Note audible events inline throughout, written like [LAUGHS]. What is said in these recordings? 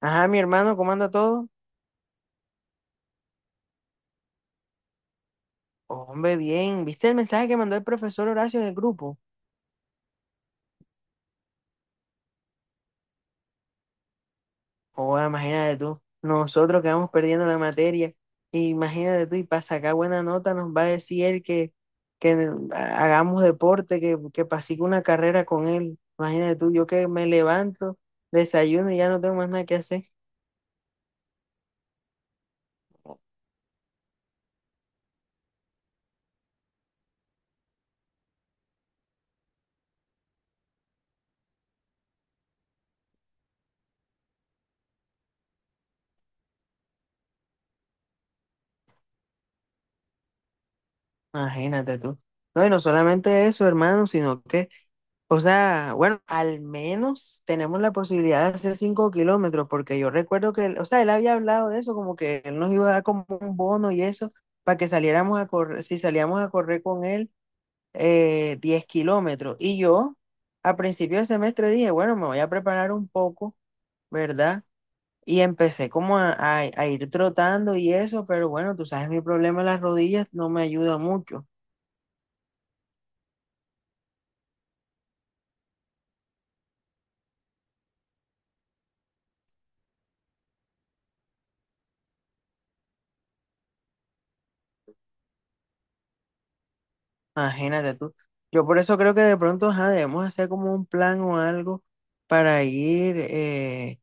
Ajá, mi hermano, ¿cómo anda todo? Hombre, bien. ¿Viste el mensaje que mandó el profesor Horacio en el grupo? Joder, imagínate tú. Nosotros que vamos perdiendo la materia. Imagínate tú, y para sacar buena nota nos va a decir él que hagamos deporte, que pasigue una carrera con él. Imagínate tú, yo que me levanto, desayuno y ya no tengo más nada que hacer. Imagínate tú. No, y no solamente eso, hermano, sino que, o sea, bueno, al menos tenemos la posibilidad de hacer 5 kilómetros, porque yo recuerdo que, o sea, él había hablado de eso, como que él nos iba a dar como un bono y eso, para que saliéramos a correr, si salíamos a correr con él, 10 kilómetros. Y yo, a principio de semestre, dije, bueno, me voy a preparar un poco, ¿verdad? Y empecé como a ir trotando y eso, pero bueno, tú sabes, mi problema en las rodillas no me ayuda mucho. Imagínate tú. Yo por eso creo que de pronto ajá, debemos hacer como un plan o algo para ir,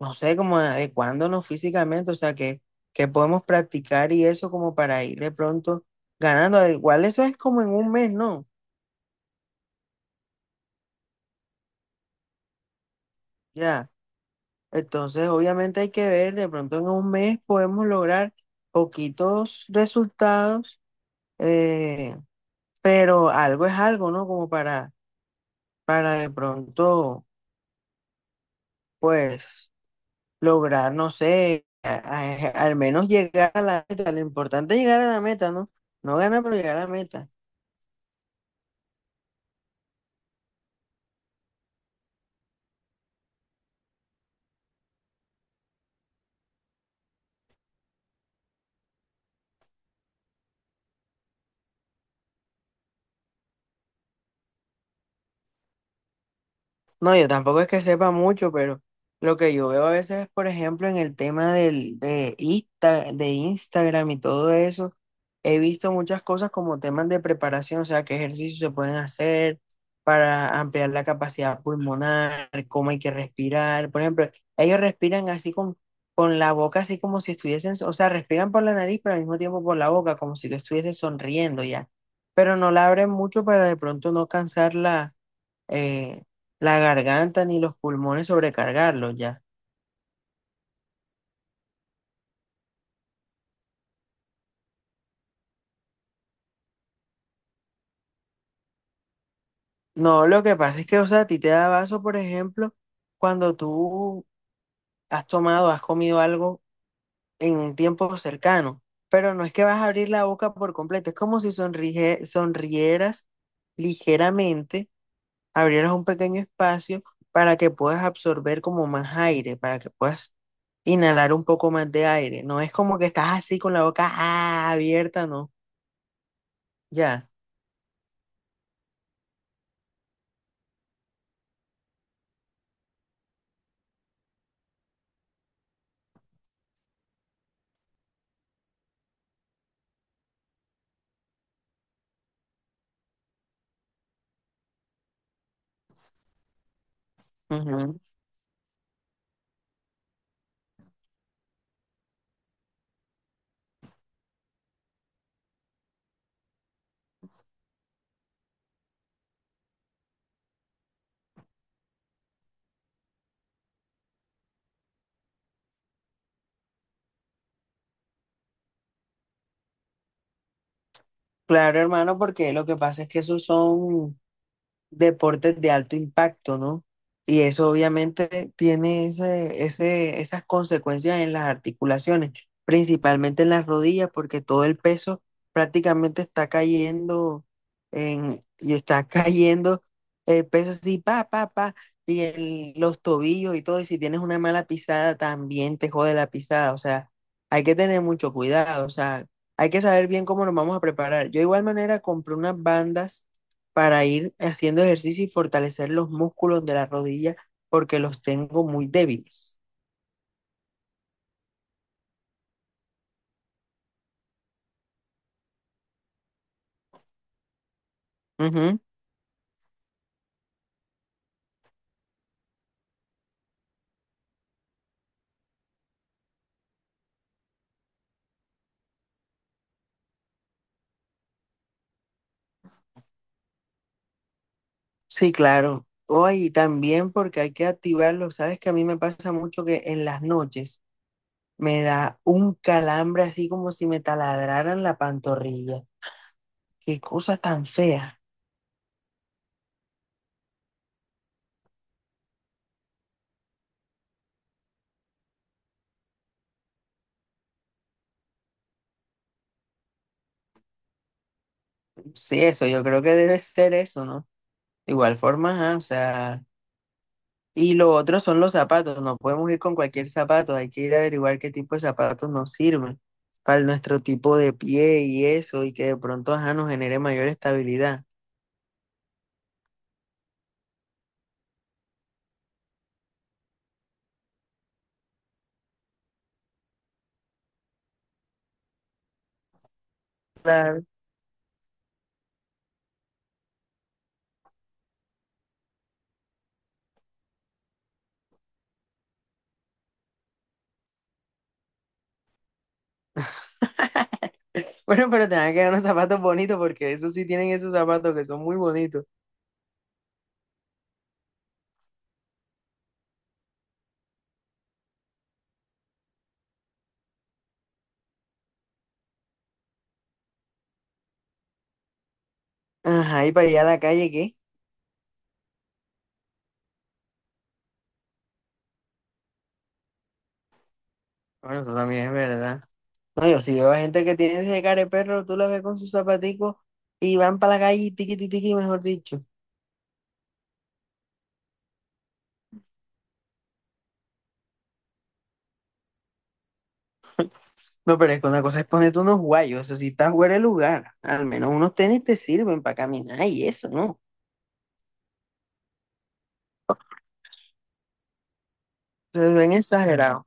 no sé, como adecuándonos físicamente, o sea, que podemos practicar y eso como para ir de pronto ganando. Al igual eso es como en un mes, ¿no? Ya. Entonces, obviamente hay que ver, de pronto en un mes podemos lograr poquitos resultados, eh, pero algo es algo, ¿no? Como para de pronto, pues lograr, no sé, al menos llegar a la meta. Lo importante es llegar a la meta, ¿no? No ganar, pero llegar a la meta. No, yo tampoco es que sepa mucho, pero lo que yo veo a veces, por ejemplo, en el tema del, de, de Instagram y todo eso, he visto muchas cosas como temas de preparación, o sea, qué ejercicios se pueden hacer para ampliar la capacidad pulmonar, cómo hay que respirar. Por ejemplo, ellos respiran así con la boca, así como si estuviesen, o sea, respiran por la nariz, pero al mismo tiempo por la boca, como si lo estuviese sonriendo ya. Pero no la abren mucho para de pronto no cansar la eh, la garganta ni los pulmones sobrecargarlos ya. No, lo que pasa es que, o sea, a ti te da vaso, por ejemplo, cuando tú has tomado, has comido algo en un tiempo cercano, pero no es que vas a abrir la boca por completo, es como si sonrieras ligeramente, abrieras un pequeño espacio para que puedas absorber como más aire, para que puedas inhalar un poco más de aire. No es como que estás así con la boca abierta, no, ya. Ujú. Claro, hermano, porque lo que pasa es que esos son deportes de alto impacto, ¿no? Y eso obviamente tiene esas consecuencias en las articulaciones, principalmente en las rodillas, porque todo el peso prácticamente está cayendo en, y está [LAUGHS] cayendo el peso así, pa, pa, pa, y en los tobillos y todo, y si tienes una mala pisada, también te jode la pisada, o sea, hay que tener mucho cuidado, o sea, hay que saber bien cómo nos vamos a preparar. Yo de igual manera compré unas bandas para ir haciendo ejercicio y fortalecer los músculos de la rodilla porque los tengo muy débiles. Ujú. Sí, claro. Hoy también porque hay que activarlos. Sabes que a mí me pasa mucho que en las noches me da un calambre así como si me taladraran la pantorrilla. Qué cosa tan fea. Sí, eso, yo creo que debe ser eso, ¿no? De igual forma, ajá, o sea, y lo otro son los zapatos. No podemos ir con cualquier zapato. Hay que ir a averiguar qué tipo de zapatos nos sirven para nuestro tipo de pie y eso, y que de pronto, ajá, nos genere mayor estabilidad. Claro. [LAUGHS] Bueno, pero tengan que dar unos zapatos bonitos porque esos sí tienen esos zapatos que son muy bonitos. Ajá, ¿y para allá a la calle, qué? Bueno, eso también es verdad. No, yo sí veo a gente que tiene ese care perro, tú la ves con sus zapaticos y van para la calle, tiqui, tiqui, tiqui, mejor dicho. No, pero es que una cosa es ponerte unos guayos, eso sea, si estás fuera de lugar, al menos unos tenis te sirven para caminar y eso, ¿no? Se ven exagerados.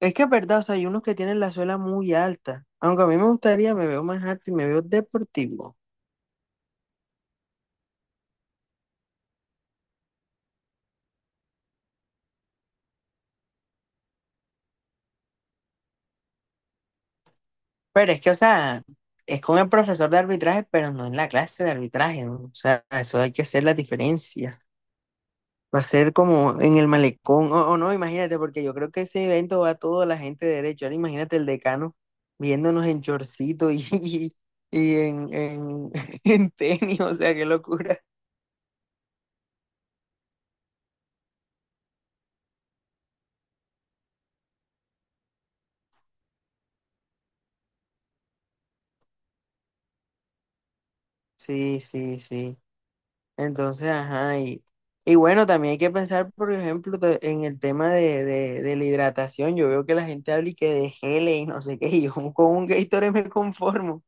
Es que es verdad, o sea, hay unos que tienen la suela muy alta, aunque a mí me gustaría, me veo más alto y me veo deportivo. Pero es que, o sea, es con el profesor de arbitraje, pero no en la clase de arbitraje, ¿no? O sea, eso hay que hacer la diferencia. Va a ser como en el malecón, o no, imagínate, porque yo creo que ese evento va a toda la gente de derecho. Ahora imagínate el decano viéndonos en chorcito y en, [LAUGHS] en tenis, o sea, qué locura. Sí, sí, sí. Entonces, ajá, y bueno, también hay que pensar, por ejemplo, en el tema de la hidratación. Yo veo que la gente habla y que de geles y no sé qué, y yo [LAUGHS] con un Gatorade me conformo.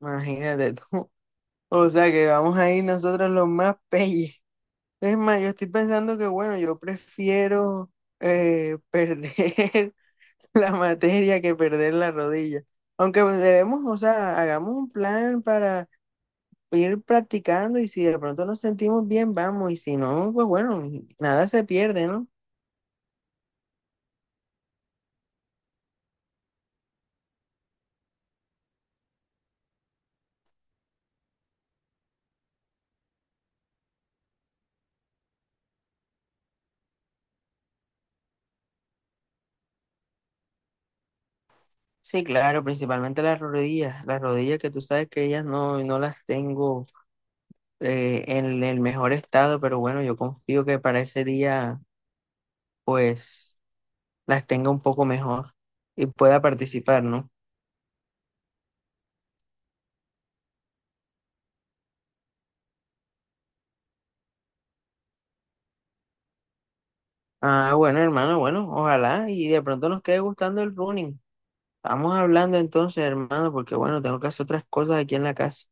Imagínate tú. O sea, que vamos a ir nosotros los más peyes. Es más, yo estoy pensando que, bueno, yo prefiero perder [LAUGHS] la materia que perder la rodilla. Aunque pues, debemos, o sea, hagamos un plan para ir practicando y si de pronto nos sentimos bien, vamos. Y si no, pues bueno, nada se pierde, ¿no? Sí, claro, principalmente las rodillas. Las rodillas que tú sabes que ellas no, no las tengo en el mejor estado, pero bueno, yo confío que para ese día, pues, las tenga un poco mejor y pueda participar, ¿no? Ah, bueno, hermano, bueno, ojalá y de pronto nos quede gustando el running. Vamos hablando entonces, hermano, porque bueno, tengo que hacer otras cosas aquí en la casa.